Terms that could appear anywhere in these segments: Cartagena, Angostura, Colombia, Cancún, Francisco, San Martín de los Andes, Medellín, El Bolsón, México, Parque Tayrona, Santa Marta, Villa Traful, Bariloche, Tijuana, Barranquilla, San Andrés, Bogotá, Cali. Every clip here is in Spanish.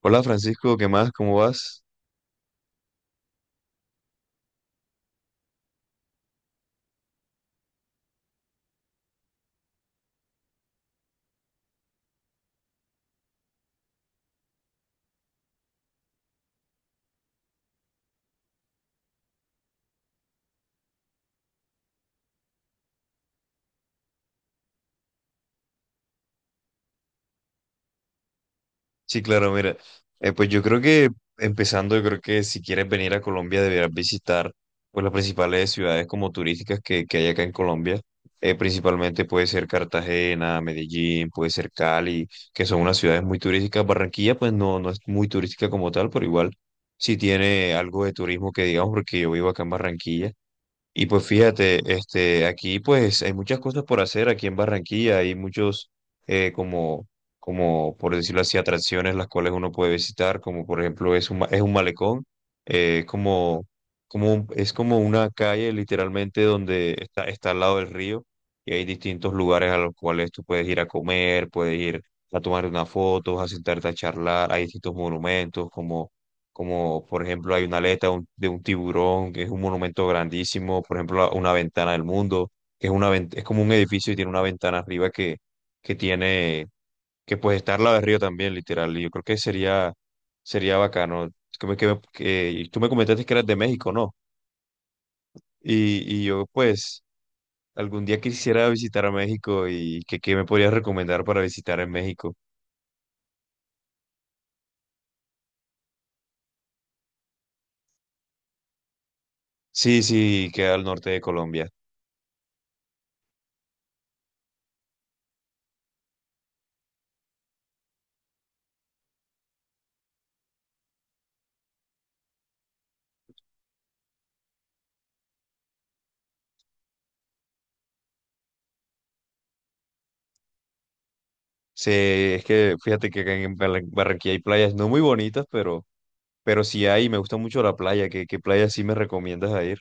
Hola Francisco, ¿qué más? ¿Cómo vas? Sí, claro, mira, pues yo creo que empezando, yo creo que si quieres venir a Colombia deberás visitar pues las principales ciudades como turísticas que hay acá en Colombia. Principalmente puede ser Cartagena, Medellín, puede ser Cali, que son unas ciudades muy turísticas. Barranquilla pues no es muy turística como tal, pero igual sí tiene algo de turismo que digamos porque yo vivo acá en Barranquilla. Y pues fíjate, este, aquí pues hay muchas cosas por hacer aquí en Barranquilla, hay muchos como por decirlo así, atracciones las cuales uno puede visitar, como por ejemplo es un, es un malecón, es como, es como una calle literalmente donde está al lado del río y hay distintos lugares a los cuales tú puedes ir a comer, puedes ir a tomar unas fotos, a sentarte a charlar, hay distintos monumentos como por ejemplo hay una aleta de un tiburón, que es un monumento grandísimo, por ejemplo una ventana del mundo, que es, una, es como un edificio y tiene una ventana arriba que tiene, que pues está al lado del río también, literal, y yo creo que sería bacano. Y tú me comentaste que eras de México, ¿no? Y yo pues algún día quisiera visitar a México y qué me podrías recomendar para visitar en México. Sí, sí, queda al norte de Colombia. Sí, es que fíjate que acá en Barranquilla hay playas no muy bonitas, pero sí hay, me gusta mucho la playa. ¿Qué, qué playa sí me recomiendas a ir?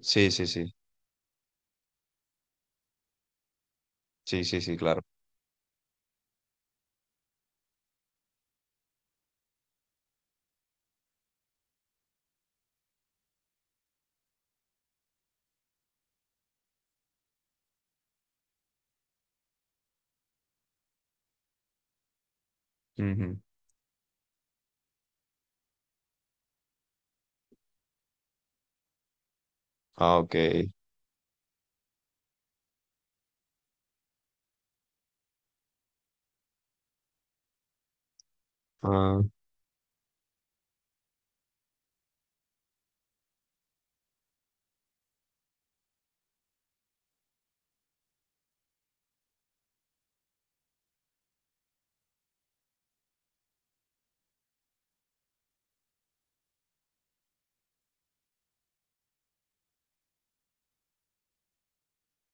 Sí, sí, sí, sí, sí, sí, claro. Ujú. Ah, ok. Ah,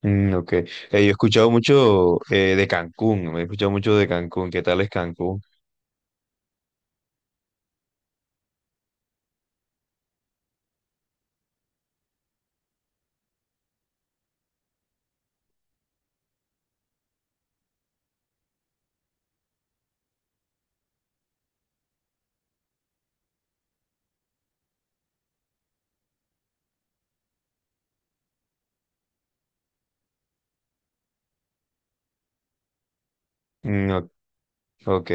mm, ok. Yo he escuchado mucho de Cancún, me he escuchado mucho de Cancún. ¿Qué tal es Cancún? Mm, ok.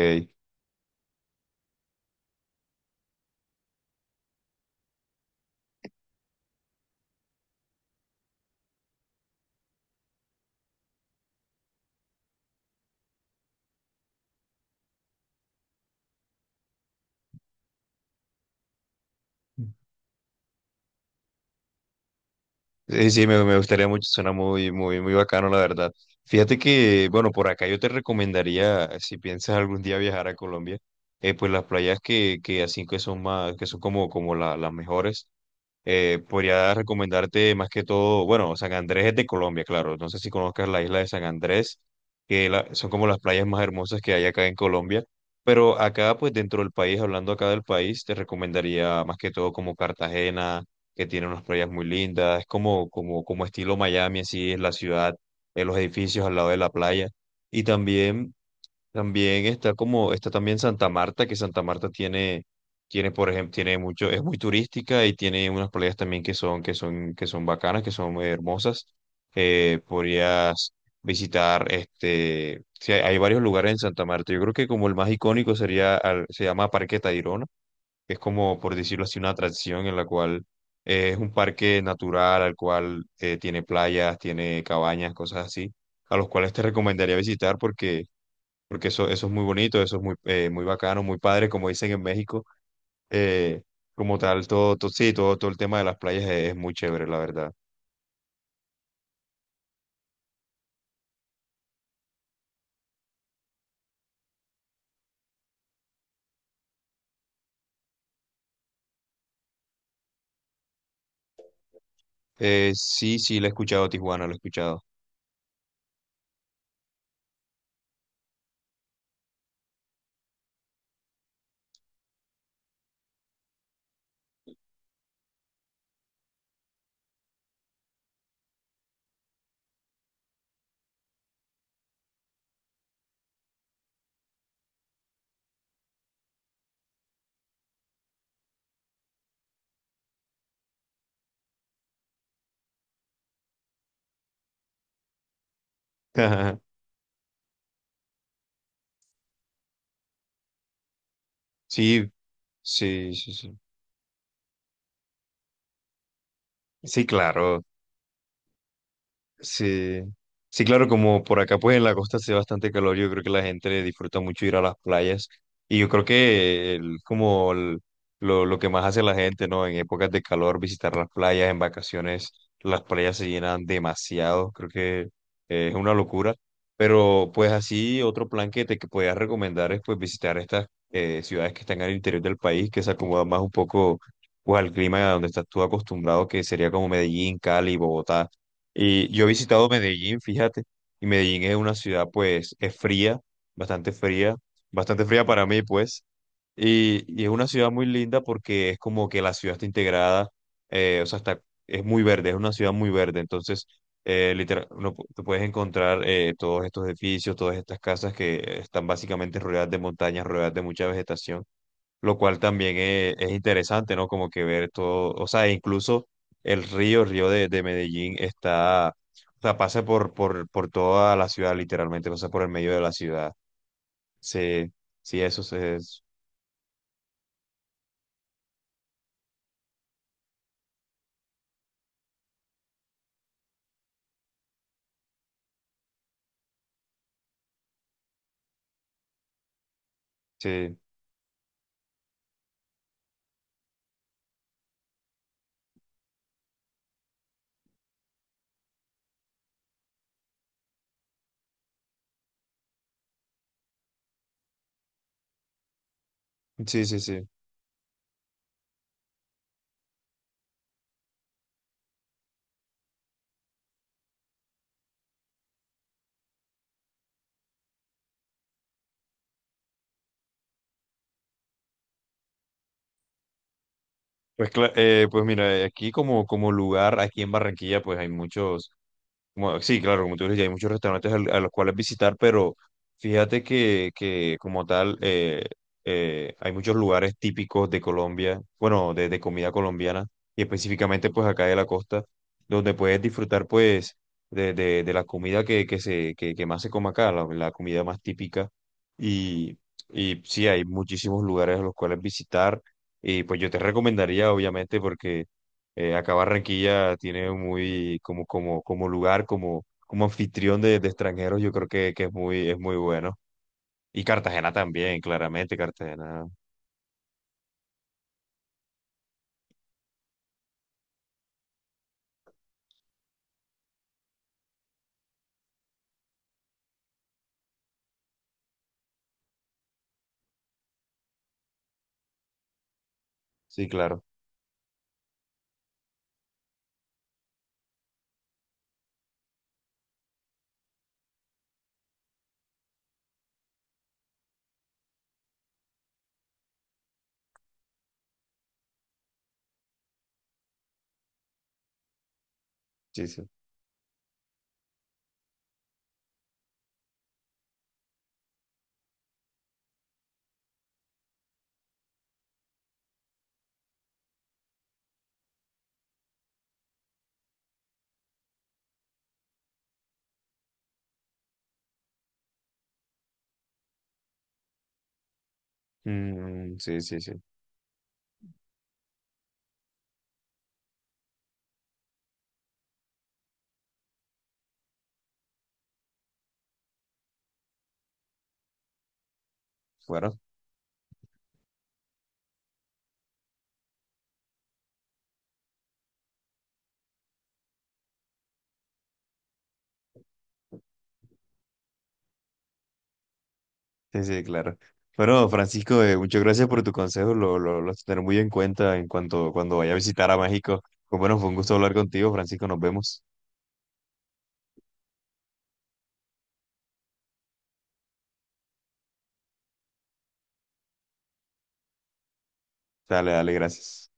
Sí, sí, me gustaría mucho, suena muy, muy, muy bacano, la verdad. Fíjate que, bueno, por acá yo te recomendaría, si piensas algún día viajar a Colombia, pues las playas que así que son más, que son como, las mejores, podría recomendarte más que todo, bueno, San Andrés es de Colombia, claro. No sé si conozcas la isla de San Andrés, son como las playas más hermosas que hay acá en Colombia. Pero acá, pues dentro del país, hablando acá del país, te recomendaría más que todo como Cartagena, que tiene unas playas muy lindas. Es como, como, como estilo Miami, así es la ciudad, los edificios al lado de la playa. Y también está como, está también Santa Marta, que Santa Marta tiene, por ejemplo, tiene mucho, es muy turística y tiene unas playas también que son, que son, que son bacanas, que son muy hermosas. Podrías visitar, este, sí, hay varios lugares en Santa Marta. Yo creo que como el más icónico se llama Parque Tayrona, que es como, por decirlo así, una atracción en la cual es un parque natural al cual tiene playas, tiene cabañas, cosas así, a los cuales te recomendaría visitar porque eso es muy bonito, eso es muy, muy bacano, muy padre, como dicen en México. Eh, Como tal, todo, todo, sí, todo, todo el tema de las playas es muy chévere, la verdad. Sí, sí, lo he escuchado, Tijuana, lo he escuchado. Sí, sí, sí, sí. Sí, claro. Sí, sí, claro, como por acá pues en la costa hace bastante calor, yo creo que la gente disfruta mucho ir a las playas y yo creo que lo que más hace la gente, ¿no? En épocas de calor, visitar las playas, en vacaciones, las playas se llenan demasiado, creo que es una locura, pero pues así otro plan que te que podías recomendar es pues visitar estas ciudades que están al interior del país, que se acomodan más un poco pues al clima a donde estás tú acostumbrado, que sería como Medellín, Cali, Bogotá. Y yo he visitado Medellín, fíjate, y Medellín es una ciudad, pues, es fría, bastante fría, bastante fría para mí, y es una ciudad muy linda porque es como que la ciudad está integrada, o sea, está, es muy verde, es una ciudad muy verde, entonces, literal, tú puedes encontrar todos estos edificios, todas estas casas que están básicamente rodeadas de montañas, rodeadas de mucha vegetación, lo cual también es interesante, ¿no? Como que ver todo, o sea, incluso el río de Medellín o sea, pasa por toda la ciudad, literalmente, pasa por el medio de la ciudad. Sí, sí, eso es, sí, sí, sí, sí. Pues, pues mira, aquí como, como lugar, aquí en Barranquilla, pues hay muchos, como- sí, claro, como tú dices, ya hay muchos restaurantes a los cuales visitar, pero fíjate que como tal, hay muchos lugares típicos de Colombia, bueno, de comida colombiana, y específicamente pues acá de la costa, donde puedes disfrutar pues de la comida que más se come acá, la comida más típica, y, y sí, hay muchísimos lugares a los cuales visitar y pues yo te recomendaría, obviamente, porque acá Barranquilla tiene muy, como, como, como lugar, como, como anfitrión de extranjeros, yo creo que es muy bueno. Y Cartagena también, claramente, Cartagena. Sí, claro. Sí, sí. Mm, sí, sí, sí. Bueno, sí, sí, claro. Bueno, Francisco, muchas gracias por tu consejo. Lo tendré muy en cuenta en cuanto cuando vaya a visitar a México. Pues bueno, fue un gusto hablar contigo, Francisco. Nos vemos. Dale, dale, gracias.